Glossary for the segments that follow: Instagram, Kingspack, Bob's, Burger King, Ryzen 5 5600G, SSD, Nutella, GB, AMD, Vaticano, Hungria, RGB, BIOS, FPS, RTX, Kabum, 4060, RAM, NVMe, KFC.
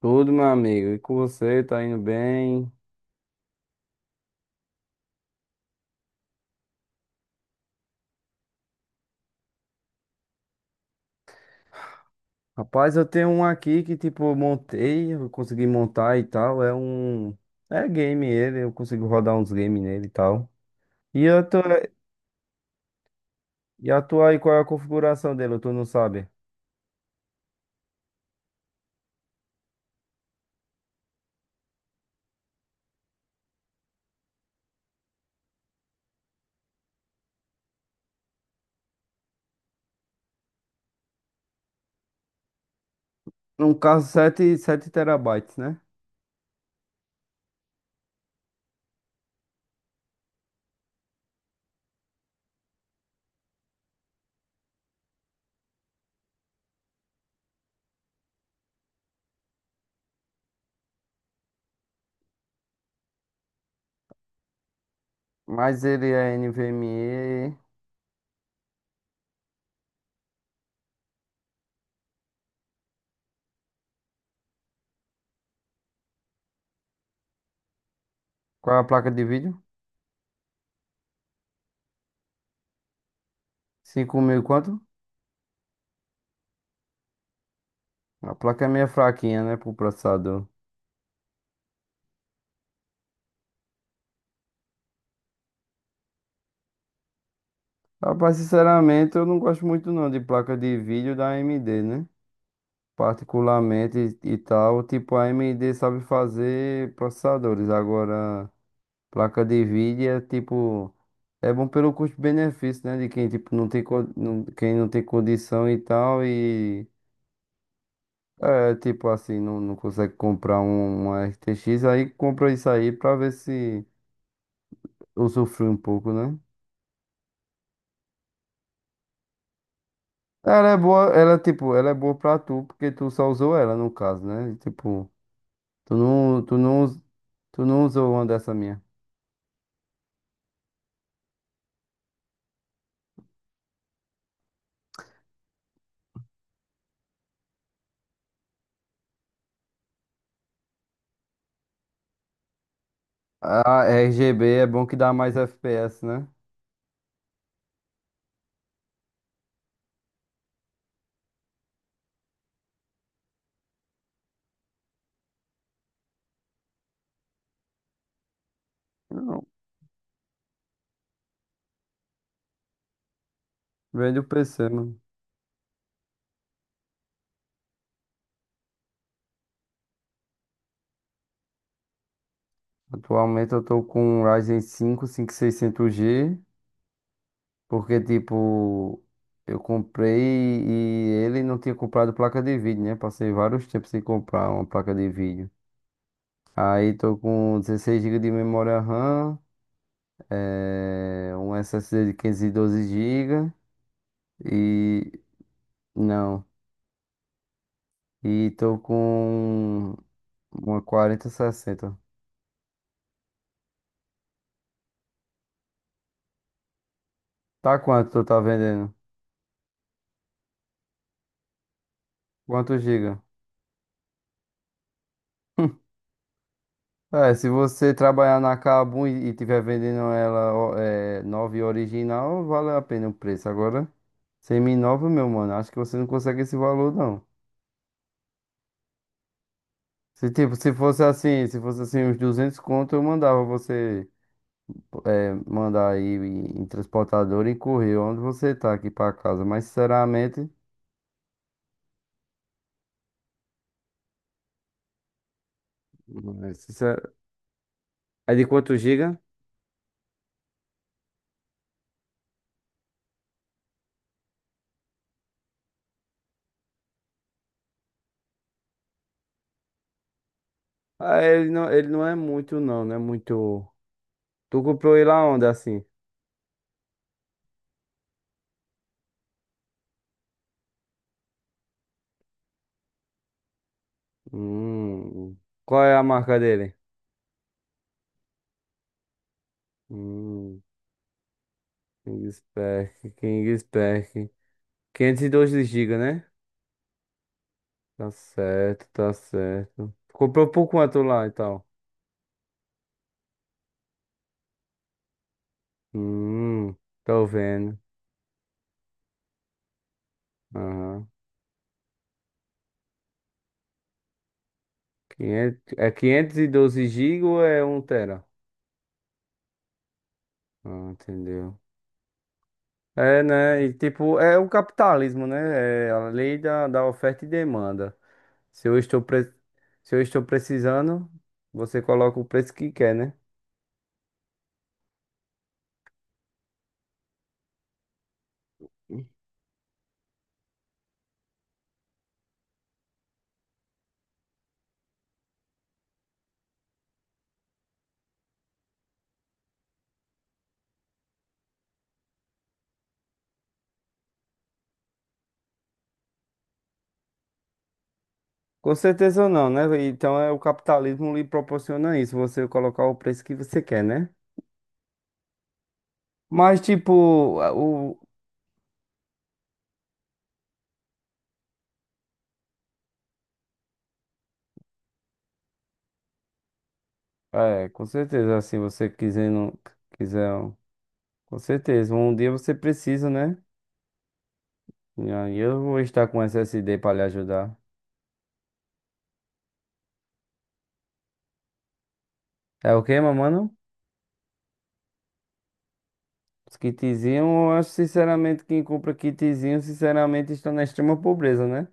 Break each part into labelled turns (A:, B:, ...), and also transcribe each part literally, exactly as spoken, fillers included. A: Tudo, meu amigo. E com você, tá indo bem? Rapaz, eu tenho um aqui que, tipo, eu montei, eu consegui montar e tal. É um. É game ele, eu consigo rodar uns games nele e tal. E eu tô. E a tua aí, qual é a configuração dele? Tu não sabe? Um caso sete sete terabytes, né? Mas ele é NVMe. Qual é a placa de vídeo? cinco mil e quanto? A placa é meio fraquinha, né, pro processador. Rapaz, sinceramente, eu não gosto muito não de placa de vídeo da A M D, né? Particularmente e e tal, tipo a AMD sabe fazer processadores, agora placa de vídeo é tipo é bom pelo custo-benefício, né, de quem tipo não tem co- não, quem não tem condição e tal e é tipo assim, não, não consegue comprar um- uma R T X, aí compra isso aí pra ver se usufrui um pouco, né? Ela é boa, ela tipo, ela é boa pra tu, porque tu só usou ela no caso, né? Tipo, tu não, tu não, us- tu não usou uma dessa minha. Ah, R G B é bom que dá mais F P S, né? Não. Vende o P C, mano. Atualmente eu tô com um Ryzen cinco cinco mil e seiscentos G, porque, tipo, eu comprei e ele não tinha comprado placa de vídeo, né? Passei vários tempos sem comprar uma placa de vídeo. Aí tô com dezesseis gigas de memória RAM, eh, um SSD de quinhentos e doze gigas e... não. E tô com uma quarenta e sessenta. Tá quanto tu tá vendendo? Quantos giga? É, se você trabalhar na Kabum e, e tiver vendendo ela ó, é, nova e original, vale a pena o preço. Agora, semi-nova, meu mano, acho que você não consegue esse valor, não. Se, tipo, se fosse assim, se fosse assim, uns duzentos conto, eu mandava você é, mandar aí em, em transportador e correr onde você tá aqui pra casa. Mas, sinceramente, hum, é sincer- é de quanto giga? Ah, ele não, ele não é muito, não, não é muito... Tu comprou ele aonde, assim? Hum. Qual é a marca dele? Hum. Kingspack, Kingspack. Quinhentos e doze gigas, né? Tá certo, tá certo. Comprou por quanto lá e tal? Hum, tô vendo. Aham. Quinhentos, é quinhentos e doze gigas ou é um tera? Ah, entendeu. É, né? E tipo, é o capitalismo, né? É a lei da, da oferta e demanda. Se eu estou, pre... Se eu estou precisando, você coloca o preço que quer, né? Com certeza não, né? Então é o capitalismo lhe proporciona isso, você colocar o preço que você quer, né? Mas tipo, a- o é, com certeza, assim, você quisendo, quiser, com certeza, um dia você precisa, né? E aí eu vou estar com S S D para lhe ajudar. É o quê, meu mano? Os kitzinhos, eu acho sinceramente quem compra kitzinho, sinceramente, está na extrema pobreza, né?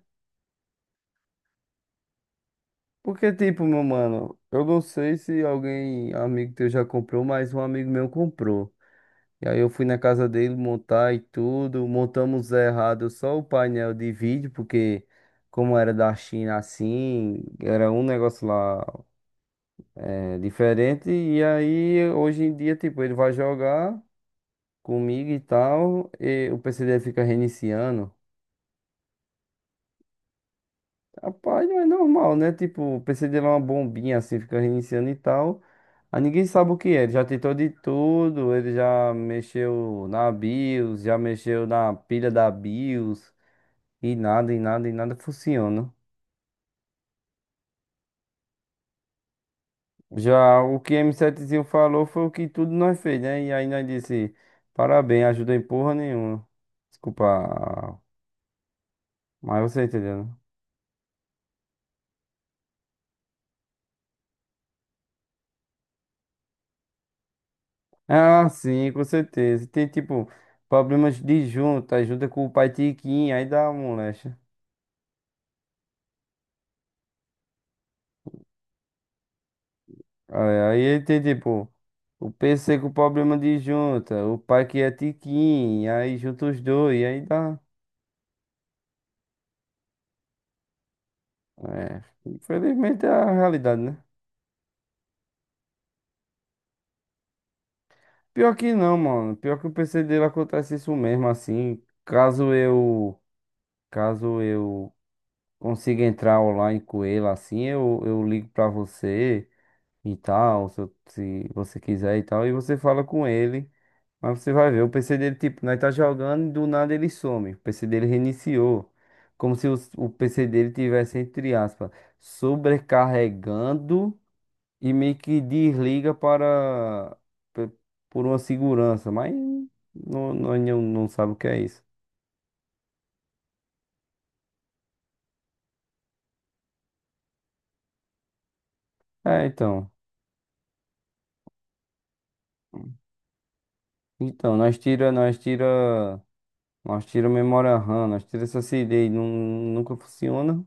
A: Porque, tipo, meu mano, eu não sei se alguém, amigo teu já comprou, mas um amigo meu comprou. E aí eu fui na casa dele montar e tudo. Montamos errado só o painel de vídeo, porque como era da China assim, era um negócio lá é, diferente. E aí hoje em dia, tipo, ele vai jogar comigo e tal, e o P C dele fica reiniciando. Rapaz, não é normal, né? Tipo, o P C dele é uma bombinha assim, fica reiniciando e tal. Aí ninguém sabe o que é. Ele já tentou de tudo, ele já mexeu na BIOS, já mexeu na pilha da BIOS. E nada, e nada, e nada funciona. Já o que m Setezinho falou foi o que tudo nós fez, né? E aí nós disse, parabéns, ajuda em porra nenhuma. Desculpa, a- mas você entendeu, né? Ah, sim, com certeza. Tem, tipo, problemas de junta, junta com o pai Tiquinho, aí dá uma moléstia. Aí, aí ele tem, tipo, o P C com problema de junta, o pai que é Tiquinho, aí junta os dois, aí dá... É, infelizmente é a realidade, né? Pior que não, mano. Pior que o P C dele acontece isso mesmo, assim. Caso eu, caso eu consiga entrar online com ele, assim, eu, eu ligo pra você e tal, se, eu- se você quiser e tal, e você fala com ele. Mas você vai ver, o P C dele, tipo, nós tá jogando e do nada ele some. O P C dele reiniciou. Como se o, o P C dele tivesse, entre aspas, sobrecarregando e meio que desliga para pe- por uma segurança, mas não, não, não, não sabe o que é isso. É, então, então nós tira, nós tira, nós tira memória RAM, nós tira essa C D, não, nunca funciona,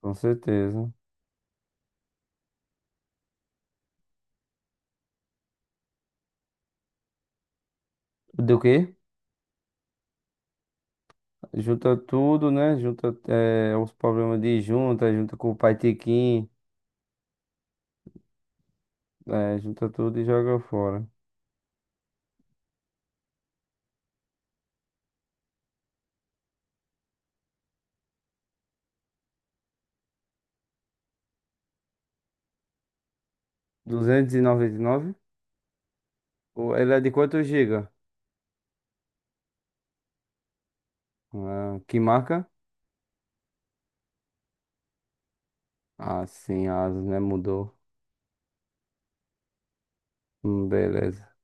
A: com certeza. Do quê? Junta tudo, né? Junta eh, os problemas de junta, junta com o Pai Tiquinho, eh, junta tudo e joga fora. duzentos e noventa e nove? O- Ele é de quantos giga? Ah, que marca? Ah, sim, asas, né? Mudou. Hum, beleza.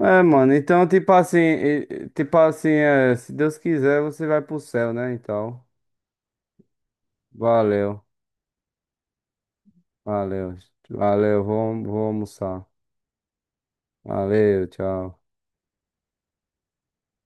A: É, mano, então, tipo assim, e- e- tipo assim, é, se Deus quiser, você vai pro céu, né? Então, valeu, valeu, valeu, vou, vou almoçar. Valeu, tchau.